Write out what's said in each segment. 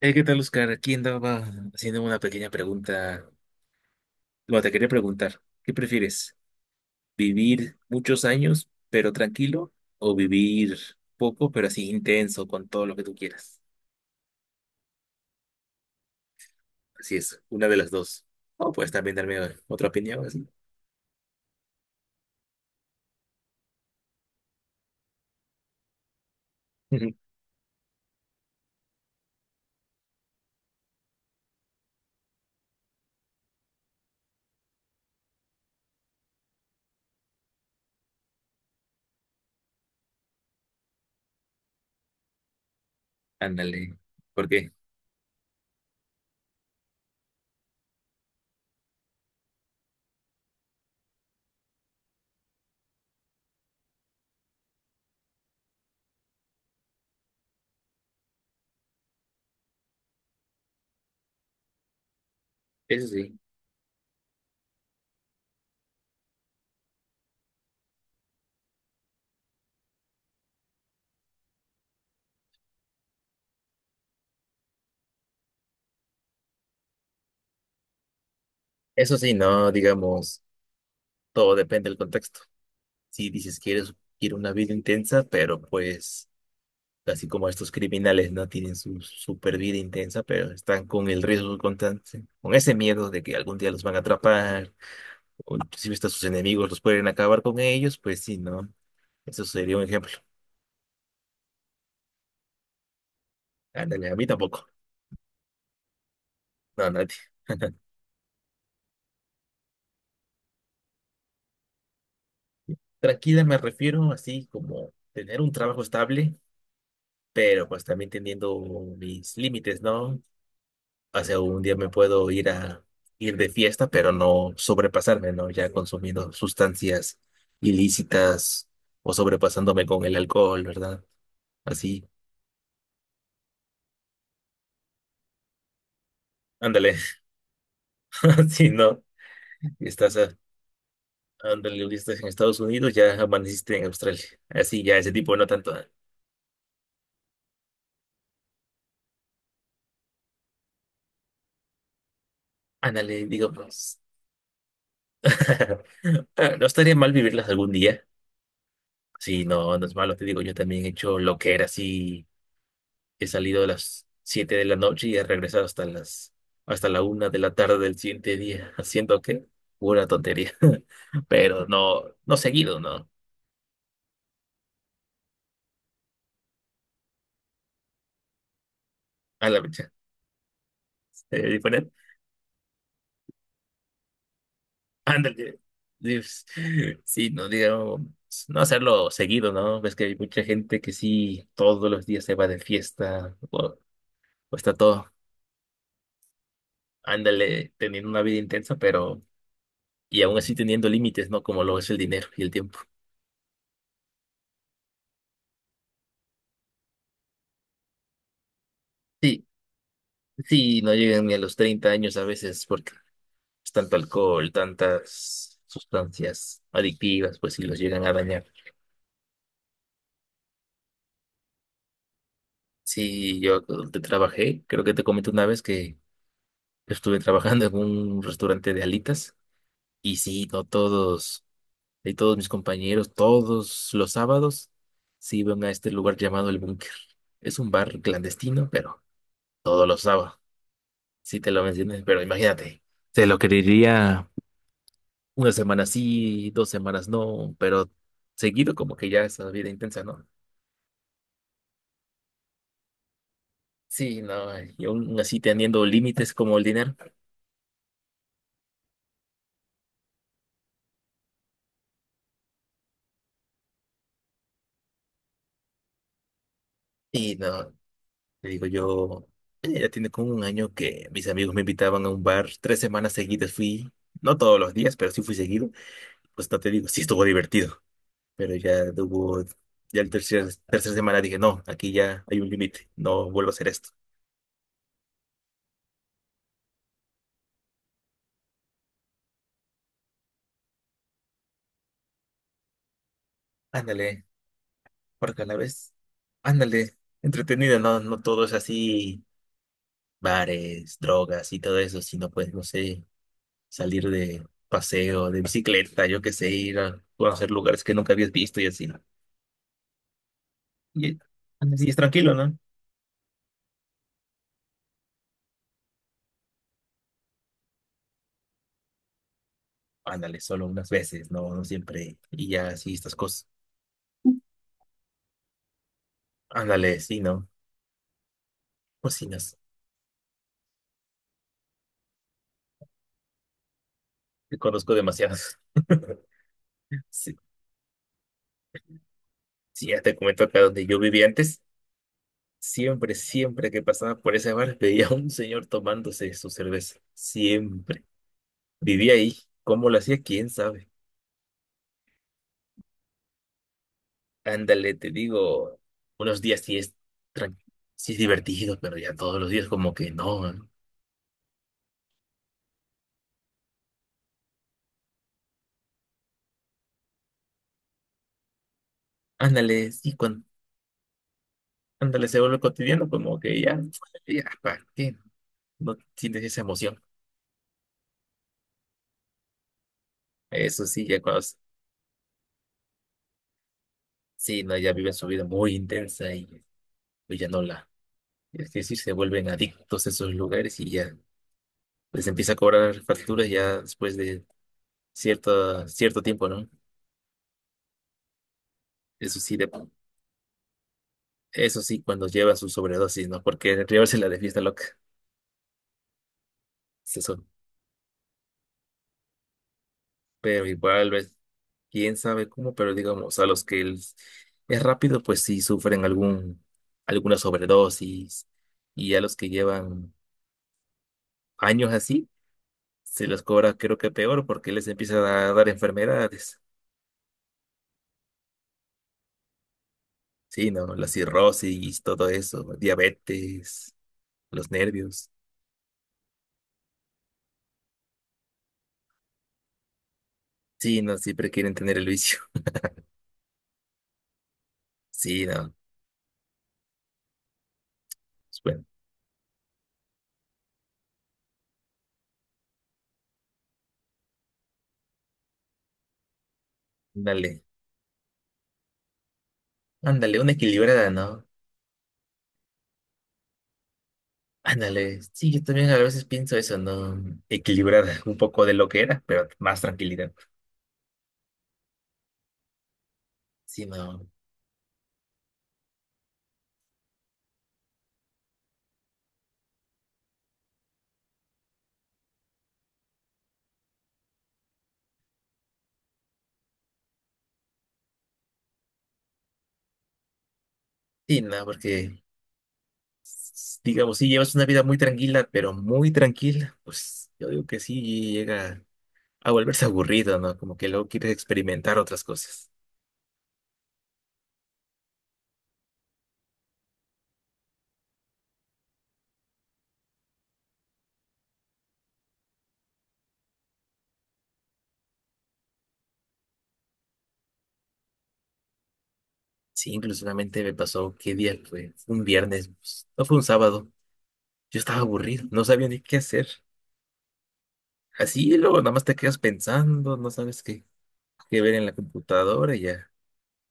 ¿Qué tal, Oscar? Aquí andaba haciendo una pequeña pregunta. Bueno, te quería preguntar, ¿qué prefieres? ¿Vivir muchos años, pero tranquilo? ¿O vivir poco, pero así intenso, con todo lo que tú quieras? Así es, una de las dos. O puedes también darme otra opinión, así. Ándale. ¿Por qué? Eso sí. Eso sí, no, digamos, todo depende del contexto. Si dices, quieres, quiero una vida intensa, pero pues, así como estos criminales no tienen su super vida intensa, pero están con el riesgo constante, con ese miedo de que algún día los van a atrapar, o inclusive hasta sus enemigos los pueden acabar con ellos, pues sí, ¿no? Eso sería un ejemplo. Ándale, a mí tampoco. No, nadie. Tranquila me refiero así como tener un trabajo estable, pero pues también teniendo mis límites, ¿no? O sea, un día me puedo ir de fiesta, pero no sobrepasarme, ¿no? Ya consumiendo sustancias ilícitas o sobrepasándome con el alcohol, ¿verdad? Así, ándale, así no. Estás, a- Ándale, estás en Estados Unidos, ya amaneciste en Australia. Así, ya ese tipo, no tanto. Ándale, digamos. No estaría mal vivirlas algún día. Sí, no, no es malo, te digo, yo también he hecho lo que era así. He salido a las 7 de la noche y he regresado hasta la una de la tarde del siguiente día, haciendo que pura tontería. Pero no, no seguido, no. A la fecha. Diferente. Ándale. Dios. Sí, no digamos, no hacerlo seguido, ¿no? Ves que hay mucha gente que sí, todos los días se va de fiesta, o está todo, ándale, teniendo una vida intensa, pero, y aún así teniendo límites, ¿no? Como lo es el dinero y el tiempo. Sí. Sí, no llegan ni a los 30 años a veces porque es tanto alcohol, tantas sustancias adictivas, pues si los llegan a dañar. Sí, yo te trabajé, creo que te comenté una vez que estuve trabajando en un restaurante de alitas y sí, no todos, y todos mis compañeros, todos los sábados se iban a este lugar llamado El Búnker. Es un bar clandestino, pero todos los sábados, sí te lo mencioné, pero imagínate, se lo quería una semana sí, dos semanas no, pero seguido como que ya esa vida intensa, ¿no? Sí, no, y aún así teniendo límites como el dinero. Y no, te digo yo, ya tiene como un año que mis amigos me invitaban a un bar, tres semanas seguidas fui, no todos los días, pero sí fui seguido. Pues no te digo, sí estuvo divertido, pero ya hubo, ya el tercera semana dije, no, aquí ya hay un límite, no vuelvo a hacer esto. Ándale, porque a la vez, ándale, entretenido, no, no todo es así, bares, drogas y todo eso, sino pues, no sé, salir de paseo, de bicicleta, yo qué sé, ir a conocer lugares que nunca habías visto y así, ¿no? Y, así es tranquilo, ¿no? Ándale, solo unas veces, ¿no? No siempre. Y ya así estas cosas. Ándale, sí, ¿no? Pues sí, no sé, te conozco demasiadas. Sí, sí, ya te comento acá donde yo vivía antes. Siempre que pasaba por ese bar, veía a un señor tomándose su cerveza. Siempre. Vivía ahí. ¿Cómo lo hacía? ¿Quién sabe? Ándale, te digo, unos días sí es, tran- sí es divertido, pero ya todos los días como que no. ¿No? Ándale, sí, cuando, ándale, se vuelve cotidiano, como que ya, ya, ¿para qué? No tienes esa emoción. Eso sí, ya cuando, sí, no, ya viven su vida muy intensa y pues ya no la, es decir, se vuelven adictos a esos lugares y ya les empieza a cobrar facturas ya después de cierto tiempo, ¿no? Eso sí, de, eso sí, cuando lleva su sobredosis, ¿no? Porque llevársela de fiesta loca. Pero igual, ves, quién sabe cómo, pero digamos, a los que es rápido, pues sí sufren algún, alguna sobredosis. Y a los que llevan años así, se les cobra creo que peor porque les empieza a dar enfermedades. Sí, no, la cirrosis, todo eso, diabetes, los nervios. Sí, no, siempre quieren tener el vicio. Sí, no. Pues bueno, ándale, ándale, una equilibrada, ¿no? Ándale, sí, yo también a veces pienso eso, ¿no? Equilibrar un poco de lo que era, pero más tranquilidad. Sí, no, sí, no, porque digamos, si llevas una vida muy tranquila, pero muy tranquila, pues yo digo que sí llega a volverse aburrido, ¿no? Como que luego quieres experimentar otras cosas. Sí, inclusivamente me pasó, ¿qué día fue? Un viernes, pues, no fue un sábado. Yo estaba aburrido, no sabía ni qué hacer. Así, y luego nada más te quedas pensando, no sabes qué, qué ver en la computadora y ya.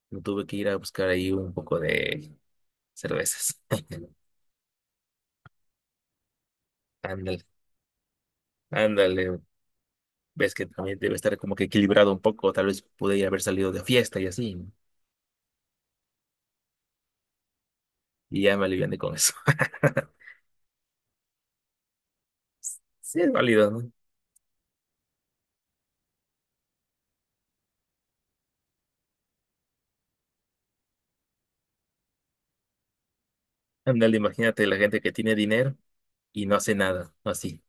Me tuve que ir a buscar ahí un poco de cervezas. Ándale, ándale. Ves que también debe estar como que equilibrado un poco. Tal vez pude haber salido de fiesta y así. ¿No? Y ya me aliviané con eso. Sí, es válido, ¿no? Ándale, imagínate la gente que tiene dinero y no hace nada. ¿No? Así,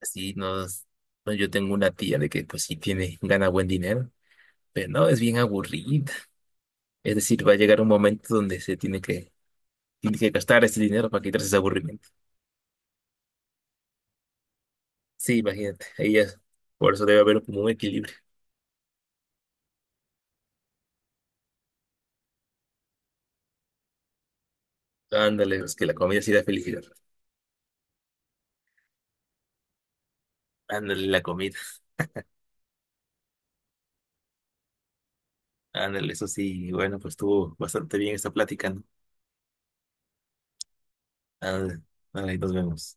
así nos, no, yo tengo una tía de que pues sí tiene, gana buen dinero, pero no, es bien aburrida. Es decir, va a llegar un momento donde se tiene que gastar ese dinero para quitarse ese aburrimiento. Sí, imagínate, ahí es. Por eso debe haber como un equilibrio. Ándale, es que la comida sí da felicidad. Ándale, la comida. Ándale, eso sí. Bueno, pues estuvo bastante bien esta plática, ¿no? Ándale, ándale, nos vemos.